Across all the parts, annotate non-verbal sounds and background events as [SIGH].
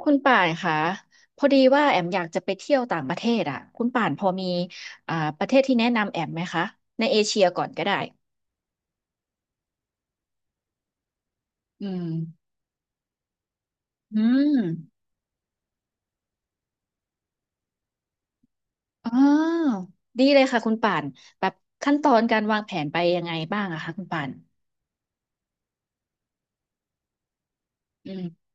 คุณป่านคะพอดีว่าแอมอยากจะไปเที่ยวต่างประเทศอ่ะคุณป่านพอมีประเทศที่แนะนำแอมไหมคะในเอเชียก่อนก็ได้อืมอืมอ๋อ ดีเลยค่ะคุณป่านแบบขั้นตอนการวางแผนไปยังไงบ้างอะคะคุณป่านอืม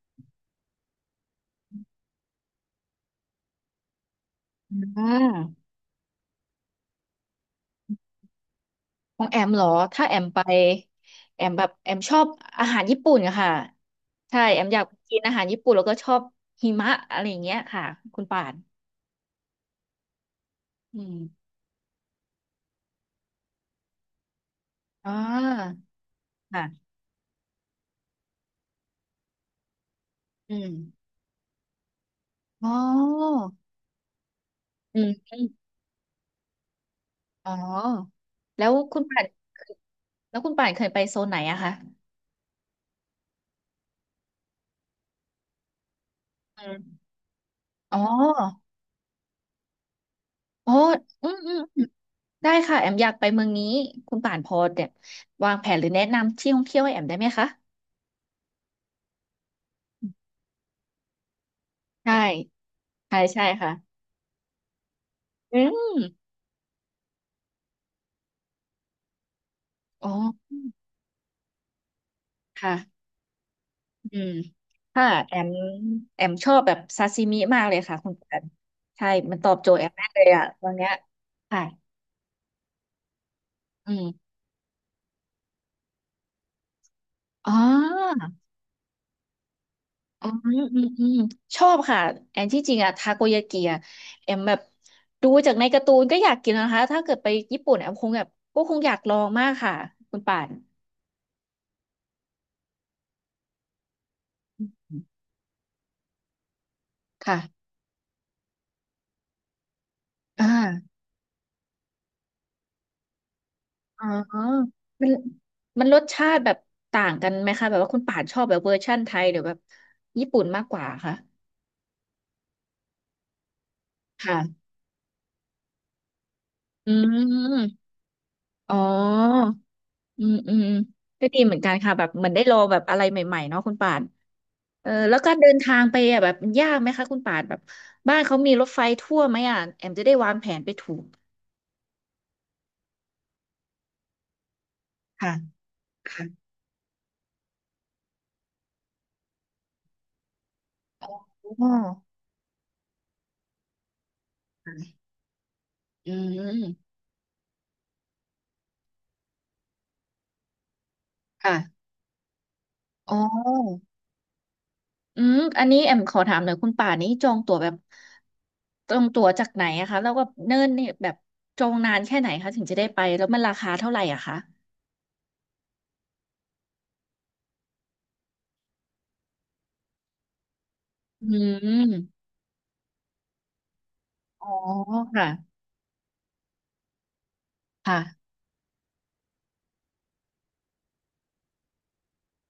อ่าของแอมเหรอถ้าแอมไปแอมแบบแอมชอบอาหารญี่ปุ่นอะค่ะใช่แอมอยากกินอาหารญี่ปุ่นแล้วก็ชอบหิมะอะไรอย่างเงี้ยค่ะคุณป่านอืมอ่าค่ะอืม อ๋ออืมอ๋อแล้วคุณป่านเคยไปโซนไหนอะคะอืมอ๋ออ๋ออืมอืมอืมได้ค่ะแอมอยากไปเมืองนี้คุณป่านพอเนี่ยวางแผนหรือแนะนำที่ท่องเที่ยวให้แอมได้ไหมคะใช่ใช่ใช่ค่ะอืมอ๋อค่ะอืมค่ะแอมชอบแบบซาซิมิมากเลยค่ะคุณป่านใช่มันตอบโจทย์แอมมากเลยอะตอนเนี้ยค่ะอืมอ๋อ อืมอืมอืมชอบค่ะแอนที่จริงอะทาโกยากิอะแอมแบบดูจากในการ์ตูนก็อยากกินนะคะถ้าเกิดไปญี่ปุ่นแอมคงแบบก็คงอยากลองมากค่ะคุณป่านอืมค่ะอ่าอ๋อมันรสชาติแบบต่างกันไหมคะแบบว่าคุณป่านชอบแบบเวอร์ชั่นไทยหรือแบบญี่ปุ่นมากกว่าคะค่ะอืมอ๋ออืมอืมก็ดีเหมือนกันค่ะแบบเหมือนได้ลองแบบอะไรใหม่ๆเนาะคุณป่าน เออแล้วการเดินทางไปอ่ะแบบมันยากไหมคะคุณป่านแบบบ้านเขามีรถไฟทั่วไหมอ่ะแอมจะได้วางแผนไปถูกค่ะค่ะอ๋อค่ะอืมค่ะอ๋ออืมอันนี้แอมขอถามหน่อยคุณป่านนี้จองตั๋วแบบจองตั๋วจากไหนอะคะแล้วก็เนิ่นเนี่ยแบบจองนานแค่ไหนคะถึงจะได้ไปแล้วมันราคาเท่าไหร่อะคะอืมอ๋อค่ะค่ะ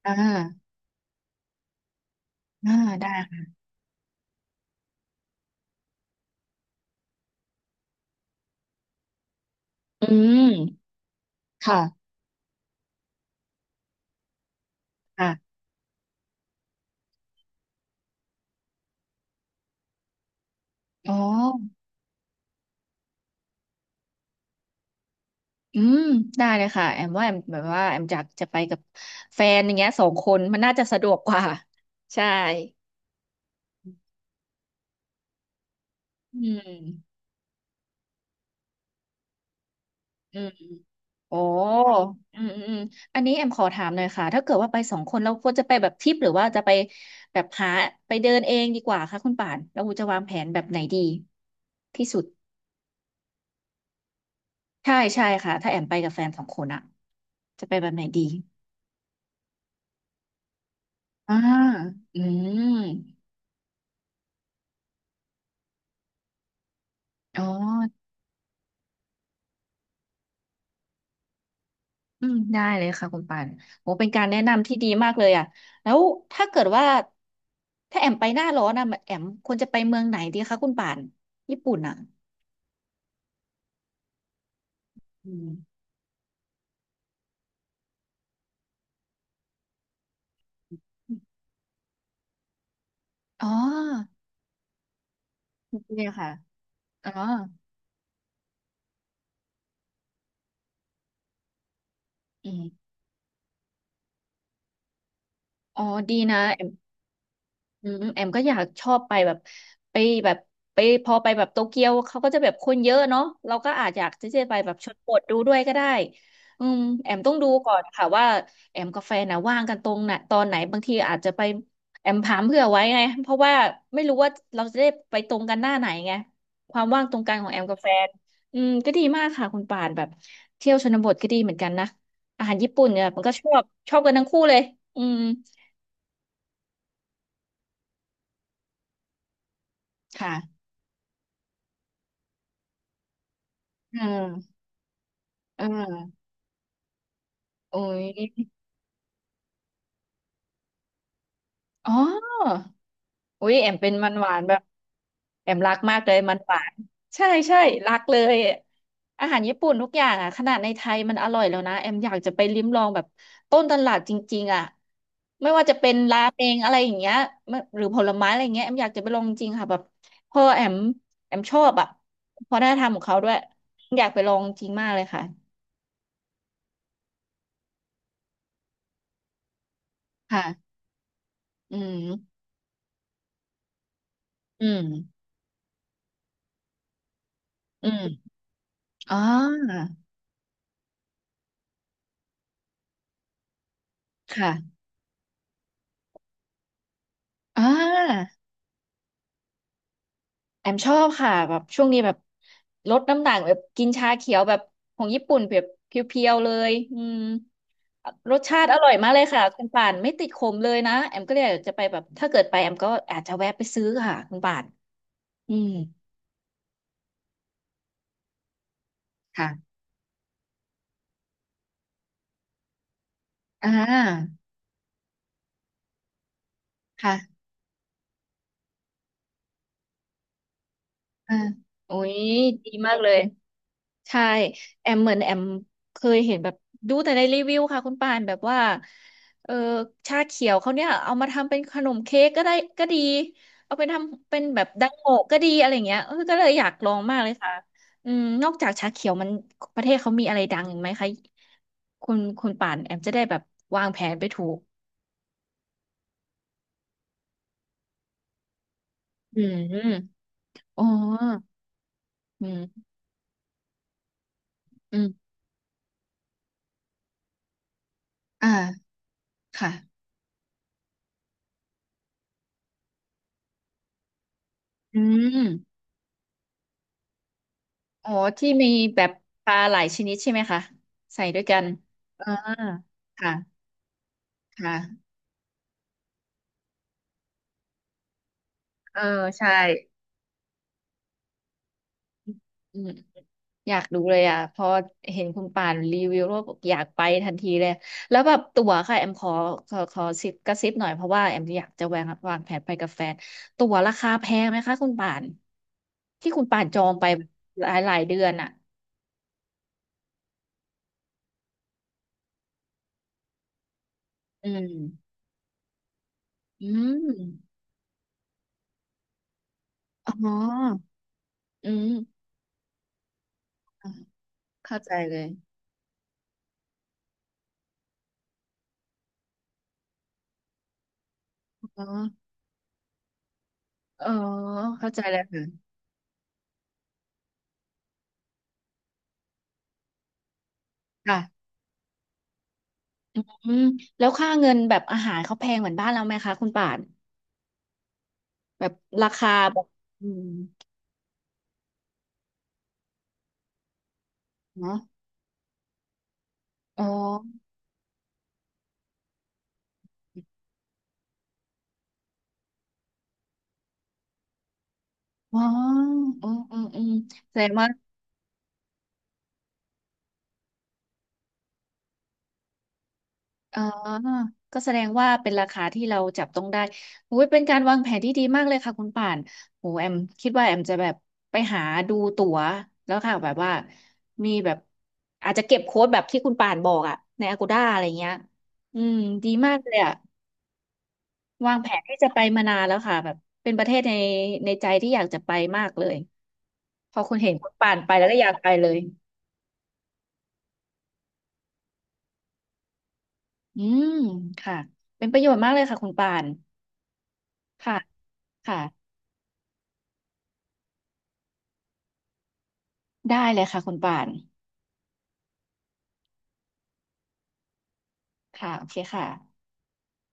อ่าอ่าได้ค่ะอืมค่ะค่ะอ๋อ อืมได้เลยค่ะแอมว่าแอมแบบว่าแอมอยากจะไปกับแฟนอย่างเงี้ยสองคนมันน่าจะสะดวกกว่า [LAUGHS] ใช่อืมอืมโอ้อืมอืมอืมอันนี้แอมขอถามหน่อยค่ะถ้าเกิดว่าไปสองคนเราควรจะไปแบบทริปหรือว่าจะไปแบบหาไปเดินเองดีกว่าคะคุณป่านเราจะวางแผนแบบไหนดีที่สุดใช่ใช่ค่ะถ้าแอมไปกับแฟนสองคนอะจะไปแบบไหนดีอ่าอืมอ๋อ อืมได้เลยค่ะคุณปานโอ้เป็นการแนะนำที่ดีมากเลยอ่ะแล้วถ้าเกิดว่าถ้าแอมไปหน้าร้อนอ่ะแอมควรจะไปเมืองไหนดีคะคุณปานญี่ปุ่นอ่ะอืมอ๋อเนี่ยค่ะอ๋ออืมอ๋อดีนะ อืมแอมก็อยากชอบไปแบบไปแบบไปพอไปแบบโตเกียวเขาก็จะแบบคนเยอะเนาะเราก็อาจอยากจะไปแบบชนบทดูด้วยก็ได้อืมแอมต้องดูก่อนค่ะว่าแอมกับแฟนนะว่างกันตรงไหนตอนไหนบางทีอาจจะไปแอมถามเผื่อไว้ไงเพราะว่าไม่รู้ว่าเราจะได้ไปตรงกันหน้าไหนไงความว่างตรงกันของแอมกับแฟนอืมก็ดีมากค่ะคุณป่านแบบเที่ยวชนบทก็ดีเหมือนกันนะอาหารญี่ปุ่นเนี่ยมันก็ชอบชอบกันทั้งคู่เลยอืมค่ะอืมเออ โอ้ยอ๋ออุ้ยแอมเป็นมันหวานแบบแอมรักมากเลยมันหวานใช่ใช่รักเลยอาหารญี่ปุ่นทุกอย่างอ่ะขนาดในไทยมันอร่อยแล้วนะแอมอยากจะไปลิ้มลองแบบต้นตลาดจริงๆอ่ะไม่ว่าจะเป็นราเมงอะไรอย่างเงี้ยไม่หรือผลไม้อะไรอย่างเงี้ยแอมอยากจะไปลองจริงค่ะแบบพอแอมชอบอ่ะวัฒนธรรมของเขาด้วยอยากไปลองจริงมากเลยค่ะค่ะอืมอืมอืมอ๋อค่ะอ่า แอมชอบค่ะแบบช่วงนี้แบบลดน้ำหนักแบบกินชาเขียวแบบของญี่ปุ่นแบบเพียวๆเลยอืมรสชาติอร่อยมากเลยค่ะคุณป่านไม่ติดขมเลยนะแอมก็เลยอยากจะไปแบบถ้าเกิดไปแอมก็อาจจะแวะไปซื้อค่ะคุณป่านอืมค่ะอ่าค่ะอ่าโอ้ยดีมากเลย ใช่แอมเหมือนแอมเคยเห็นแบบดูแต่ในรีวิวค่ะคุณปานแบบว่าเออชาเขียวเขาเนี่ยเอามาทำเป็นขนมเค้กก็ได้ก็ดีเอาไปทำเป็นแบบดังโงะก็ดีอะไรเงี้ยเออก็เลยอยากลองมากเลยค่ะอืมนอกจากชาเขียวมันประเทศเขามีอะไรดังอีกไหมคะคุณป่านแอมจะได้แบบวางแผนไปถูกอืมอ๋ออืมอืมอ่าค่ะอืม อ๋อที่มีแบบปลาหลายชนิดใช่ไหมคะใส่ด้วยกันอ่าค่ะค่ะเออใช่อืมอยากดูเลยอ่ะพอเห็นคุณป่านรีวิวแล้วบอกอยากไปทันทีเลยแล้วแบบตั๋วค่ะแอมขอขอซิปกระซิบหน่อยเพราะว่าแอมอยากจะวางแผนไปกับแฟนตั๋วราคาแพงไหมคะคุณป่านที่คุณป่านจองไปหลายหลายเดือนอ่ะอืมอืมอ๋ออืมเข้าใจเลยอ๋อ อ๋อเข้าใจแล้วค่ะค่ะอืมแล้วค่าเงินแบบอาหารเขาแพงเหมือนบ้านเราไหมคะคุณป่านแบบราคาแบบอืมเนอะอ๋ออ๋ออืมอืมอืมแสดงว่าอ๋อก็แสดงว่าเป็นราคาที่เราจับต้องได้โอ้ยเป็นการวางแผนที่ดีมากเลยค่ะคุณป่านโหแอมคิดว่าแอมจะแบบไปหาดูตั๋วแล้วค่ะแบบว่ามีแบบอาจจะเก็บโค้ดแบบที่คุณป่านบอกอะใน Agoda อะไรเงี้ยอืมดีมากเลยอะ วางแผนที่จะไปมานานแล้วค่ะแบบเป็นประเทศในในใจที่อยากจะไปมากเลยพอคุณเห็นคุณป่านไปแล้วก็อยากไปเลยอืมค่ะเป็นประโยชน์มากเลยค่ะคุณป่านค่ะค่ะได้เลยค่ะคุณป่านค่ะโอเคค่ะ